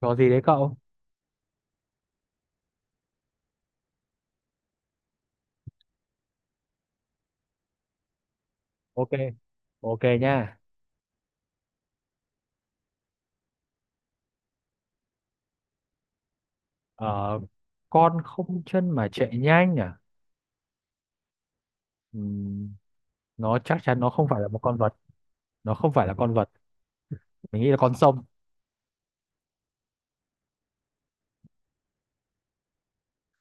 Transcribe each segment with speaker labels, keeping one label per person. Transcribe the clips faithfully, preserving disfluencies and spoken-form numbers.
Speaker 1: Có gì đấy cậu? Ok, ok nha. Ờ, con không chân mà chạy nhanh à? Ừm, nó chắc chắn nó không phải là một con vật. Nó không phải là con vật. Mình nghĩ là con sông.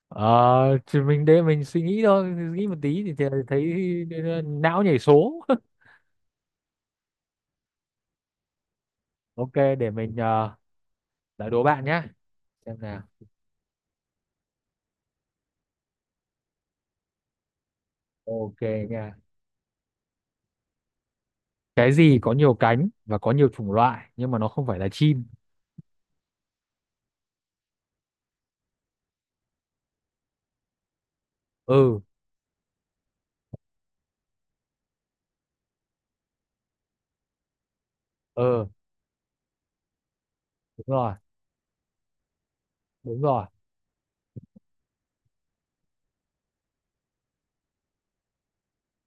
Speaker 1: Ờ, thì mình để mình suy nghĩ thôi. Nghĩ một tí thì, thì thấy não nhảy số. Ok, để mình ờ, đã đố bạn nhá. Xem nào. Ok nha. Cái gì có nhiều cánh và có nhiều chủng loại nhưng mà nó không phải là chim? Ừ, ừ, đúng rồi, đúng rồi.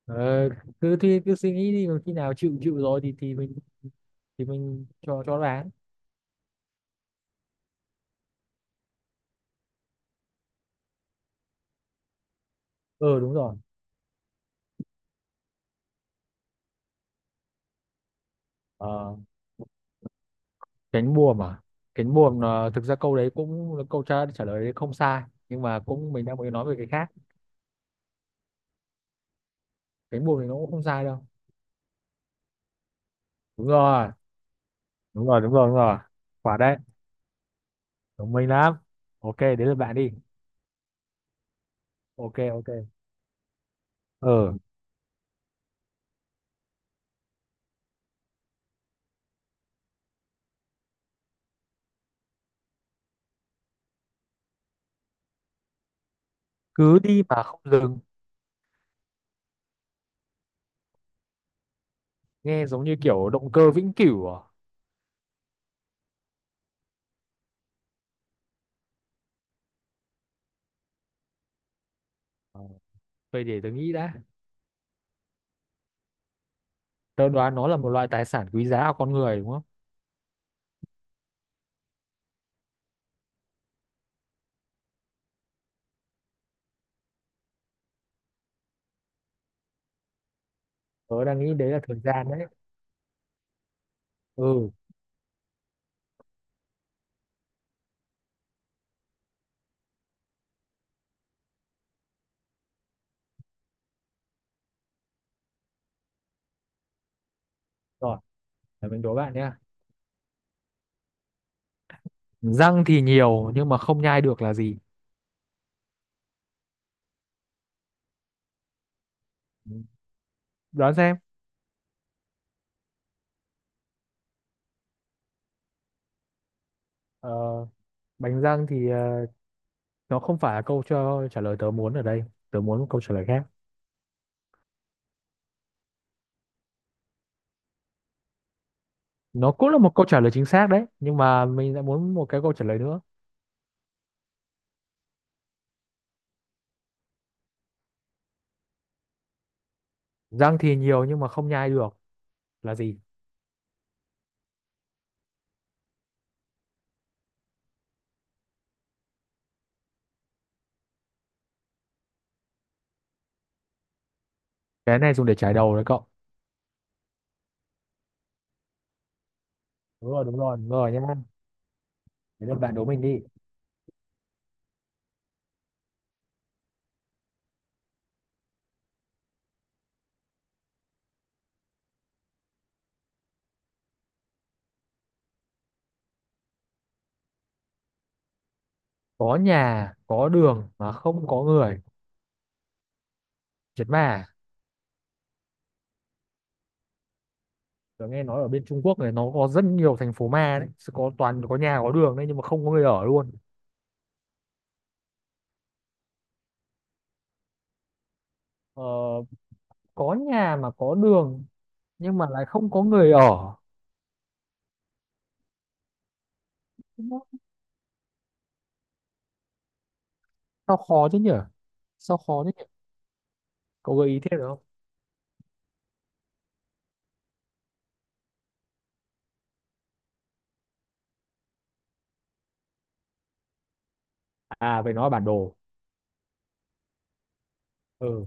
Speaker 1: Ờ, cứ thi cứ suy nghĩ đi mà khi nào chịu chịu rồi thì thì mình thì mình cho cho đoán. Ờ, đúng rồi. Ờ, cánh buồm à? Cánh buồm là, thực ra câu đấy cũng là câu trả trả lời đấy, không sai, nhưng mà cũng mình đang muốn nói về cái khác. Cánh buồm thì nó cũng không sai đâu. Đúng rồi, đúng rồi, đúng rồi, đúng rồi, quả đấy thông minh lắm. Ok, đến lượt bạn đi. Ok, ok. Ờ cứ đi mà không dừng, nghe giống như kiểu động cơ vĩnh cửu à? Ờ, vậy để tôi nghĩ đã. Tôi đoán nó là một loại tài sản quý giá của con người đúng không? Tớ đang nghĩ đấy là thời gian đấy. Ừ, rồi để mình đố bạn nhé. Răng thì nhiều nhưng mà không nhai được là gì? Ừ, đoán xem. Ờ, bánh răng thì, ờ, nó không phải là câu cho trả lời tớ muốn ở đây. Tớ muốn một câu trả lời khác. Nó cũng là một câu trả lời chính xác đấy nhưng mà mình lại muốn một cái câu trả lời nữa. Răng thì nhiều nhưng mà không nhai được là gì? Cái này dùng để chải đầu đấy cậu. Đúng rồi, đúng rồi, đúng rồi nhá. Để bạn đố mình đi. Có nhà, có đường mà không có người. Chết mà. Tớ nghe nói ở bên Trung Quốc này, nó có rất nhiều thành phố ma đấy. Sẽ có toàn có nhà, có đường đấy, nhưng mà không có người ở luôn. Ờ, có nhà mà có đường nhưng mà lại không có người ở. Nó- sao khó thế nhỉ? Sao khó thế nhỉ? Cậu gợi ý thêm được không? À, phải nói là bản đồ. Ừ,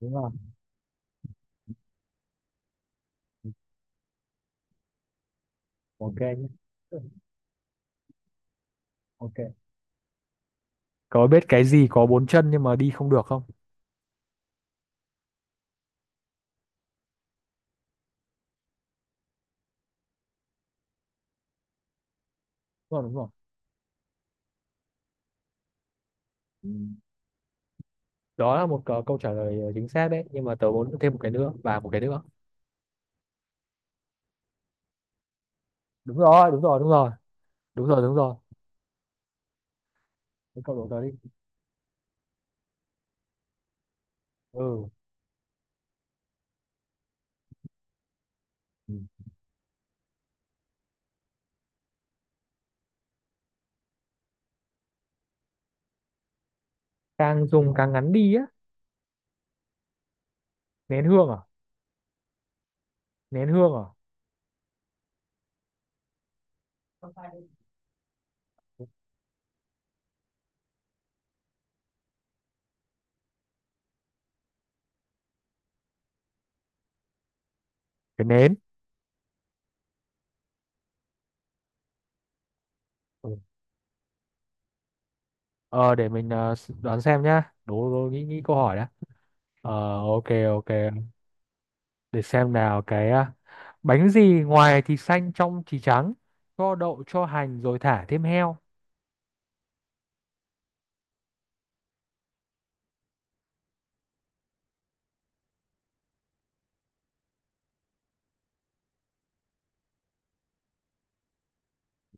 Speaker 1: đúng rồi. Ok nhé. Ok. Cậu biết cái gì có bốn chân nhưng mà đi không được không? Đúng rồi, đúng rồi. Ừ. Đó là một câu câu trả lời chính xác đấy nhưng mà tớ muốn thêm một cái nữa và một cái nữa. Đúng rồi, đúng rồi, đúng rồi. Đúng rồi, đúng rồi. Cái câu đố tớ đi. Ừ. Càng dùng càng ngắn đi á? Nén hương à? Nén hương à. Cái nến. Ừ. ờ để mình ờ, s- Đoán xem nhá. Đố đố nghĩ nghĩ câu hỏi đã. Ờ. Ok, ok. Để xem nào. Cái à, bánh gì ngoài thì xanh, trong thì trắng, cho đậu, cho hành rồi thả thêm heo?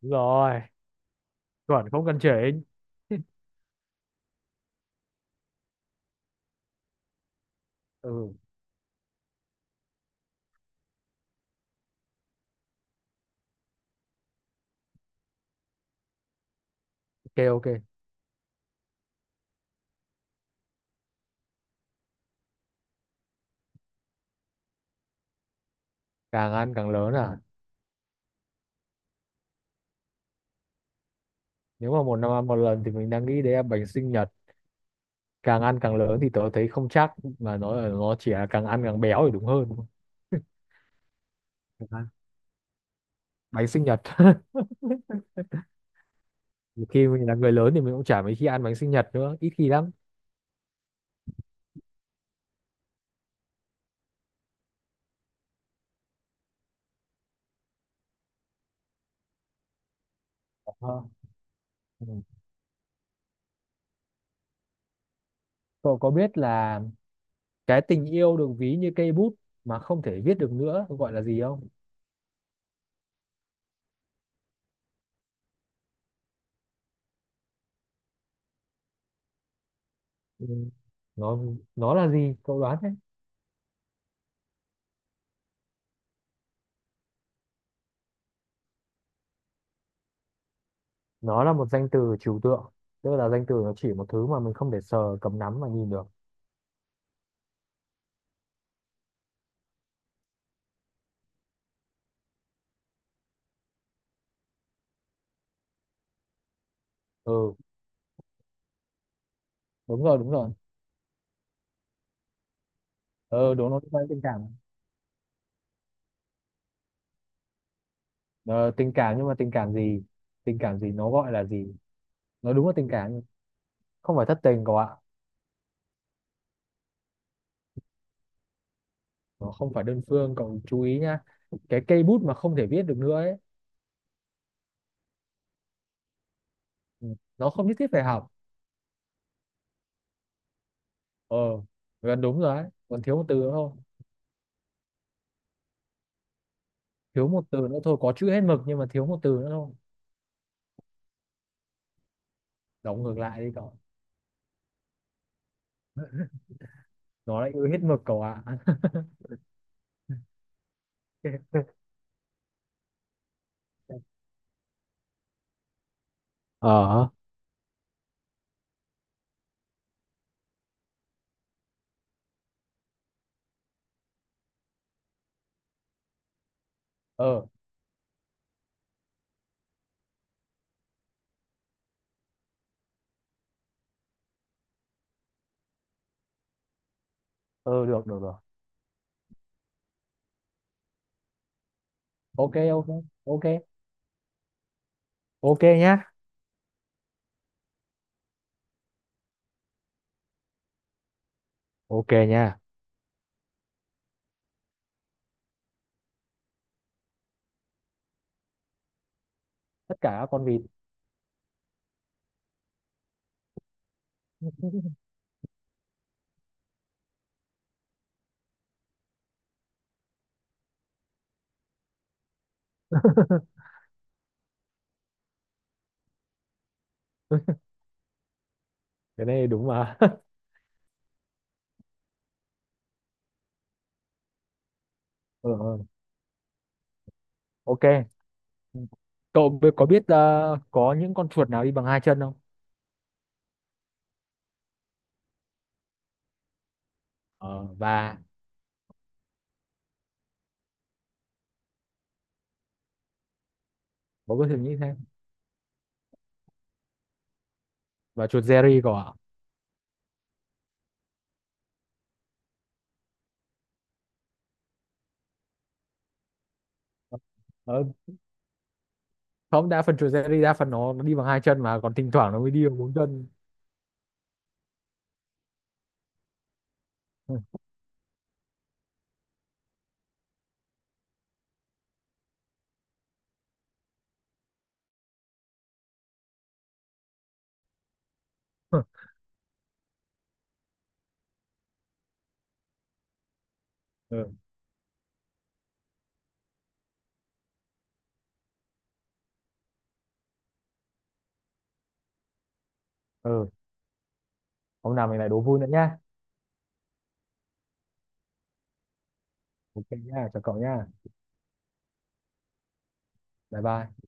Speaker 1: Đúng rồi, chuẩn không cần chỉnh. Ừ, ok, ok. Càng ăn càng lớn à? Nếu mà một năm ăn một lần thì mình đang nghĩ đấy là bánh sinh nhật. Càng ăn càng lớn thì tớ thấy không chắc, mà nó nó chỉ là càng ăn càng béo thì đúng hơn. À, bánh sinh nhật. Nhiều khi mình là người lớn thì mình cũng chả mấy khi ăn bánh sinh nhật nữa, ít khi lắm. Ờ. Ừ. Cậu có biết là cái tình yêu được ví như cây bút mà không thể viết được nữa gọi là gì không? Ừ. nó nó là gì? Cậu đoán đấy. Nó là một danh từ trừu tượng, tức là danh từ nó chỉ một thứ mà mình không thể sờ cầm nắm mà nhìn được. Ừ, đúng rồi, đúng rồi. Ừ, đúng rồi, liên quan đến tình cảm. Ờ, tình cảm, nhưng mà tình cảm gì? Tình cảm gì, nó gọi là gì? Nó đúng là tình cảm nhưng không phải thất tình cậu ạ. Nó không phải đơn phương. Cậu chú ý nhá, cái cây bút mà không thể viết được nữa ấy. Ừ, nó không nhất thiết phải học. Ờ, gần đúng rồi đấy, còn thiếu một từ nữa thôi. Thiếu một từ nữa thôi, có chữ hết mực nhưng mà thiếu một từ nữa thôi. Đóng ngược lại đi cậu. Nó lại ư, hết mực cậu ạ. ờ ờ ờ được, được, được. Ok, ok, ok. Ok nhá. Ok nha. Tất cả các con vịt. Cái này đúng mà. ờ ờ ok. Cậu bi- có biết ờ, có những con chuột nào đi bằng hai chân không? Ờ và. Bố cứ suy nghĩ thế. Và chuột Jerry cậu ạ. Ờ, không, đa phần chuột Jerry, đa phần nó, nó đi bằng hai chân mà, còn thỉnh thoảng nó mới đi bằng bốn chân. Ừ. Ừ. Hôm nào mình lại đố vui nữa nhá. Ok nhá, chào cậu nhá. Bye bye.